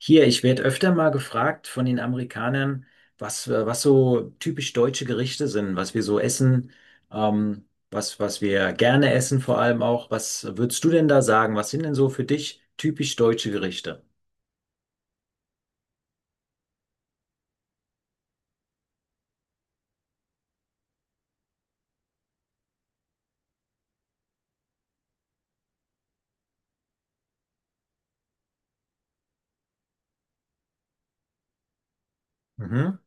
Hier, ich werde öfter mal gefragt von den Amerikanern, was, was so typisch deutsche Gerichte sind, was wir so essen, was, was wir gerne essen vor allem auch. Was würdest du denn da sagen? Was sind denn so für dich typisch deutsche Gerichte? Mhm.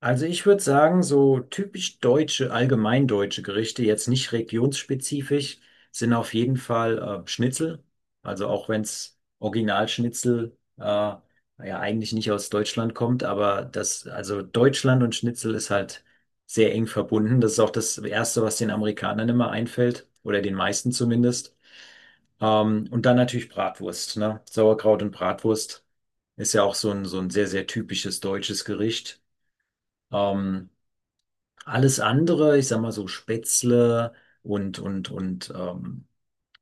Also ich würde sagen, so typisch deutsche, allgemeindeutsche Gerichte, jetzt nicht regionsspezifisch, sind auf jeden Fall Schnitzel. Also auch wenn es Originalschnitzel ja eigentlich nicht aus Deutschland kommt, aber das, also Deutschland und Schnitzel ist halt sehr eng verbunden. Das ist auch das Erste, was den Amerikanern immer einfällt, oder den meisten zumindest. Und dann natürlich Bratwurst, ne? Sauerkraut und Bratwurst ist ja auch so ein sehr, sehr typisches deutsches Gericht. Ähm, alles andere, ich sag mal so Spätzle und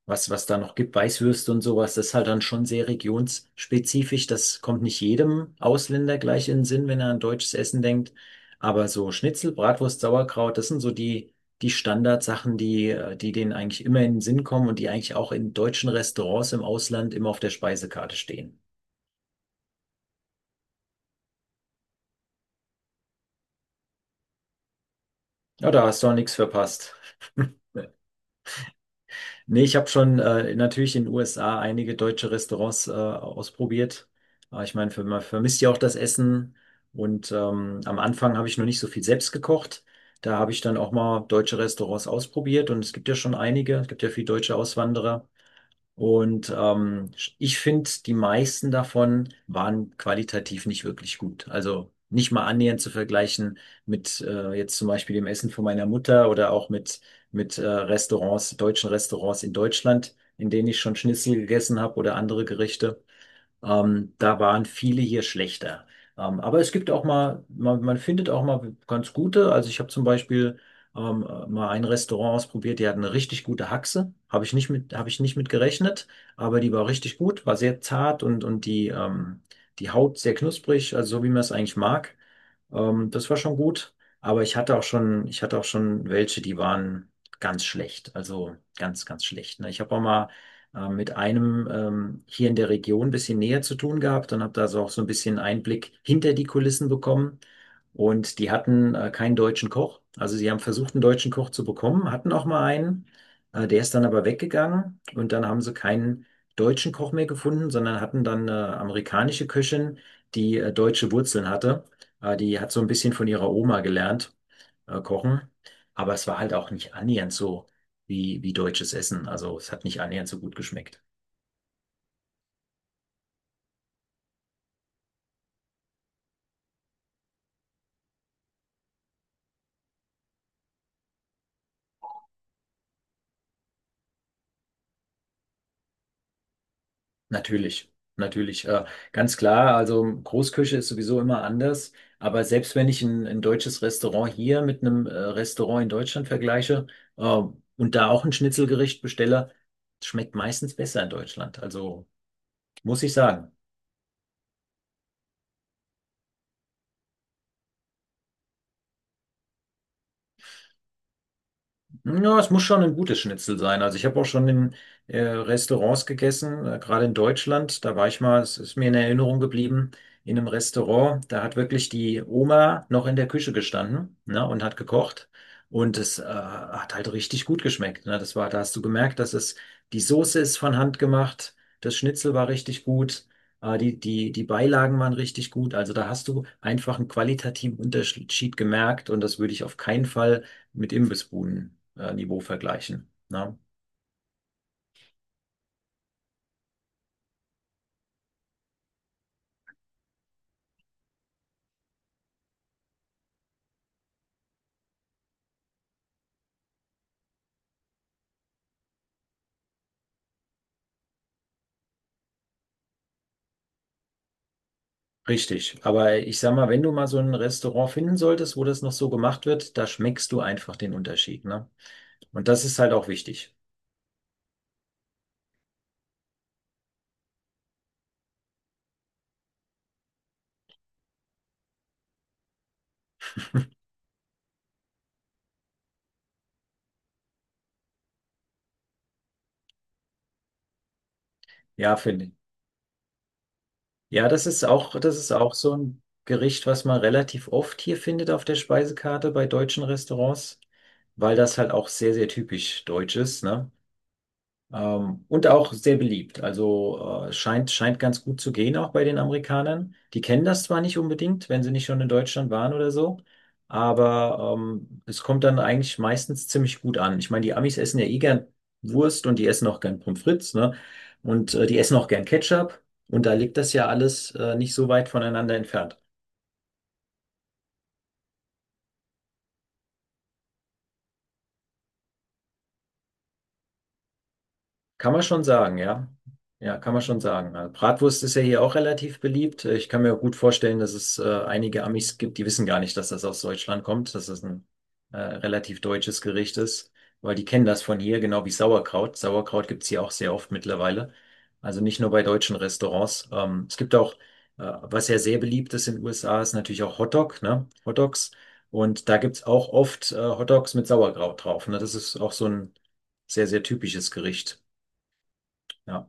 was was da noch gibt, Weißwürste und sowas, das ist halt dann schon sehr regionsspezifisch. Das kommt nicht jedem Ausländer gleich in den Sinn, wenn er an deutsches Essen denkt. Aber so Schnitzel, Bratwurst, Sauerkraut, das sind so die die Standardsachen, die denen eigentlich immer in den Sinn kommen und die eigentlich auch in deutschen Restaurants im Ausland immer auf der Speisekarte stehen. Ja, da hast du auch nichts verpasst. Nee, ich habe schon natürlich in den USA einige deutsche Restaurants ausprobiert. Aber ich meine, man vermisst ja auch das Essen. Und am Anfang habe ich noch nicht so viel selbst gekocht. Da habe ich dann auch mal deutsche Restaurants ausprobiert. Und es gibt ja schon einige. Es gibt ja viele deutsche Auswanderer. Und ich finde, die meisten davon waren qualitativ nicht wirklich gut. Also nicht mal annähernd zu vergleichen mit jetzt zum Beispiel dem Essen von meiner Mutter oder auch mit Restaurants, deutschen Restaurants in Deutschland, in denen ich schon Schnitzel gegessen habe oder andere Gerichte. Da waren viele hier schlechter. Aber es gibt auch mal, man findet auch mal ganz gute. Also ich habe zum Beispiel mal ein Restaurant ausprobiert, die hatten eine richtig gute Haxe. Habe ich nicht mit gerechnet, aber die war richtig gut, war sehr zart und die, die Haut sehr knusprig, also so wie man es eigentlich mag. Das war schon gut. Aber ich hatte auch schon, ich hatte auch schon welche, die waren ganz schlecht. Also ganz, ganz schlecht. Ne? Ich habe auch mal mit einem hier in der Region ein bisschen näher zu tun gehabt und habe da so auch so ein bisschen Einblick hinter die Kulissen bekommen. Und die hatten keinen deutschen Koch. Also sie haben versucht, einen deutschen Koch zu bekommen, hatten auch mal einen. Der ist dann aber weggegangen und dann haben sie keinen deutschen Koch mehr gefunden, sondern hatten dann eine amerikanische Köchin, die deutsche Wurzeln hatte. Die hat so ein bisschen von ihrer Oma gelernt, kochen. Aber es war halt auch nicht annähernd so wie, wie deutsches Essen. Also es hat nicht annähernd so gut geschmeckt. Natürlich, natürlich. Ganz klar, also Großküche ist sowieso immer anders. Aber selbst wenn ich ein deutsches Restaurant hier mit einem Restaurant in Deutschland vergleiche und da auch ein Schnitzelgericht bestelle, schmeckt meistens besser in Deutschland. Also muss ich sagen. Ja, es muss schon ein gutes Schnitzel sein. Also ich habe auch schon in Restaurants gegessen, gerade in Deutschland. Da war ich mal, es ist mir in Erinnerung geblieben, in einem Restaurant. Da hat wirklich die Oma noch in der Küche gestanden, ne, und hat gekocht. Und es hat halt richtig gut geschmeckt. Ne? Das war, da hast du gemerkt, dass es die Soße ist von Hand gemacht, das Schnitzel war richtig gut, die Beilagen waren richtig gut. Also da hast du einfach einen qualitativen Unterschied gemerkt und das würde ich auf keinen Fall mit Imbissbuden-Niveau vergleichen. Ne? Richtig. Aber ich sag mal, wenn du mal so ein Restaurant finden solltest, wo das noch so gemacht wird, da schmeckst du einfach den Unterschied. Ne? Und das ist halt auch wichtig. Ja, finde ich. Ja, das ist auch so ein Gericht, was man relativ oft hier findet auf der Speisekarte bei deutschen Restaurants, weil das halt auch sehr, sehr typisch deutsch ist, ne? Und auch sehr beliebt. Also scheint, scheint ganz gut zu gehen auch bei den Amerikanern. Die kennen das zwar nicht unbedingt, wenn sie nicht schon in Deutschland waren oder so, aber es kommt dann eigentlich meistens ziemlich gut an. Ich meine, die Amis essen ja eh gern Wurst und die essen auch gern Pommes frites, ne? Und die essen auch gern Ketchup. Und da liegt das ja alles nicht so weit voneinander entfernt. Kann man schon sagen, ja. Ja, kann man schon sagen. Also Bratwurst ist ja hier auch relativ beliebt. Ich kann mir gut vorstellen, dass es einige Amis gibt, die wissen gar nicht, dass das aus Deutschland kommt, dass das ein relativ deutsches Gericht ist, weil die kennen das von hier, genau wie Sauerkraut. Sauerkraut gibt's hier auch sehr oft mittlerweile. Also nicht nur bei deutschen Restaurants. Es gibt auch, was ja sehr beliebt ist in den USA, ist natürlich auch Hotdog, ne? Hotdogs. Und da gibt's auch oft Hotdogs mit Sauerkraut drauf. Ne? Das ist auch so ein sehr, sehr typisches Gericht. Ja,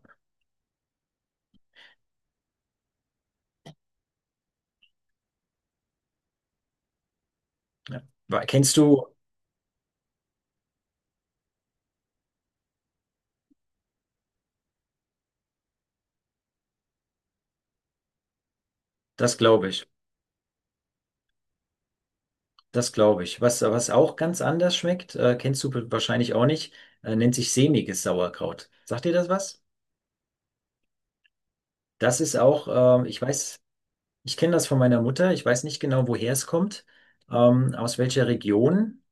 ja. Kennst du, das glaube ich, das glaube ich. Was, was auch ganz anders schmeckt, kennst du wahrscheinlich auch nicht, nennt sich sämiges Sauerkraut. Sagt dir das was? Das ist auch, ich weiß, ich kenne das von meiner Mutter, ich weiß nicht genau, woher es kommt, aus welcher Region.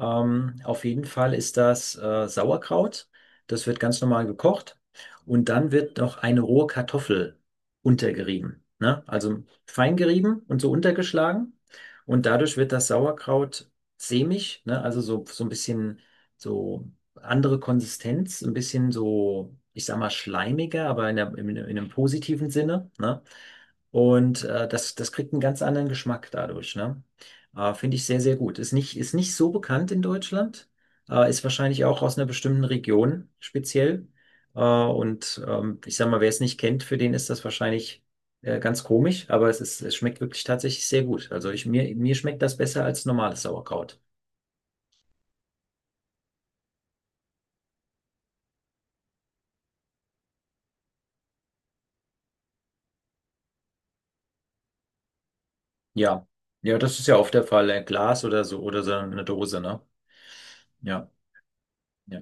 Auf jeden Fall ist das Sauerkraut. Das wird ganz normal gekocht und dann wird noch eine rohe Kartoffel untergerieben, ne? Also fein gerieben und so untergeschlagen und dadurch wird das Sauerkraut sämig, ne? Also so, so ein bisschen so andere Konsistenz, ein bisschen so, ich sag mal schleimiger, aber in einem positiven Sinne, ne? Und das, das kriegt einen ganz anderen Geschmack dadurch, ne? Finde ich sehr, sehr gut. Ist nicht so bekannt in Deutschland, ist wahrscheinlich auch aus einer bestimmten Region speziell. Und ich sag mal, wer es nicht kennt, für den ist das wahrscheinlich ganz komisch, aber es ist, es schmeckt wirklich tatsächlich sehr gut. Also ich, mir, mir schmeckt das besser als normales Sauerkraut. Ja. Ja, das ist ja oft der Fall. Ein Glas oder so eine Dose, ne? Ja, ja.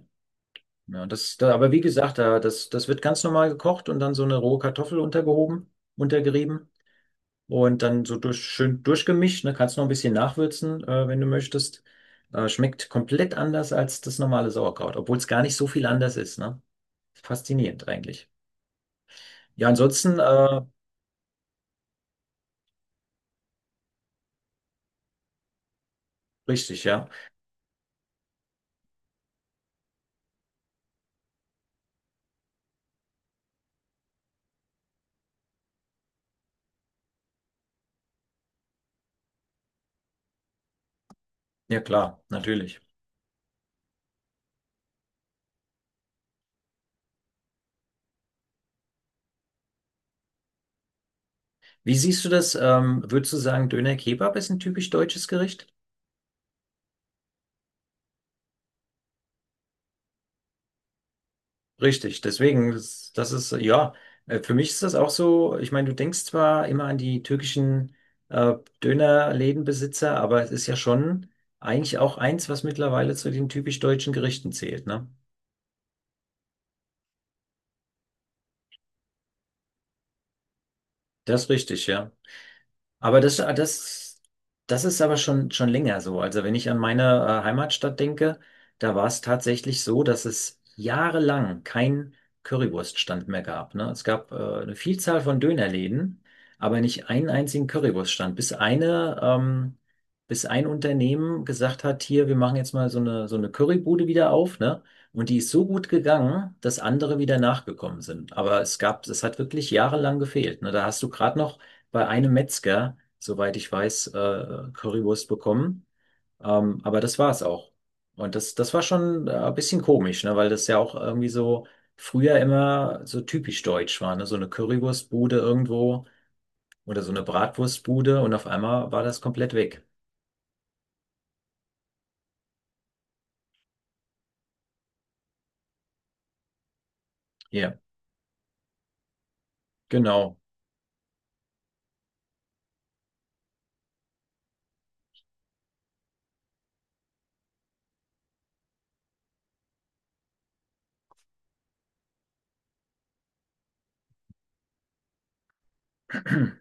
Ja, das, da, aber wie gesagt, da, das, das wird ganz normal gekocht und dann so eine rohe Kartoffel untergehoben, untergerieben. Und dann so durch, schön durchgemischt, ne? Kannst noch ein bisschen nachwürzen, wenn du möchtest. Schmeckt komplett anders als das normale Sauerkraut, obwohl es gar nicht so viel anders ist, ne? Faszinierend eigentlich. Ja, ansonsten, richtig, ja. Ja, klar, natürlich. Wie siehst du das? Würdest du sagen, Döner Kebab ist ein typisch deutsches Gericht? Richtig, deswegen, das, das ist, ja, für mich ist das auch so, ich meine, du denkst zwar immer an die türkischen äh, Dönerlädenbesitzer, aber es ist ja schon eigentlich auch eins, was mittlerweile zu den typisch deutschen Gerichten zählt, ne? Das ist richtig, ja. Aber das, ah, das, das ist aber schon, schon länger so. Also wenn ich an meine Heimatstadt denke, da war es tatsächlich so, dass es jahrelang keinen Currywurststand mehr gab. Ne? Es gab eine Vielzahl von Dönerläden, aber nicht einen einzigen Currywurststand. Bis ein Unternehmen gesagt hat, hier, wir machen jetzt mal so eine Currybude wieder auf, ne? Und die ist so gut gegangen, dass andere wieder nachgekommen sind. Aber es gab, es hat wirklich jahrelang gefehlt. Ne? Da hast du gerade noch bei einem Metzger, soweit ich weiß, Currywurst bekommen. Aber das war es auch. Und das, das war schon ein bisschen komisch, ne? Weil das ja auch irgendwie so früher immer so typisch deutsch war, ne? So eine Currywurstbude irgendwo oder so eine Bratwurstbude und auf einmal war das komplett weg. Ja, genau.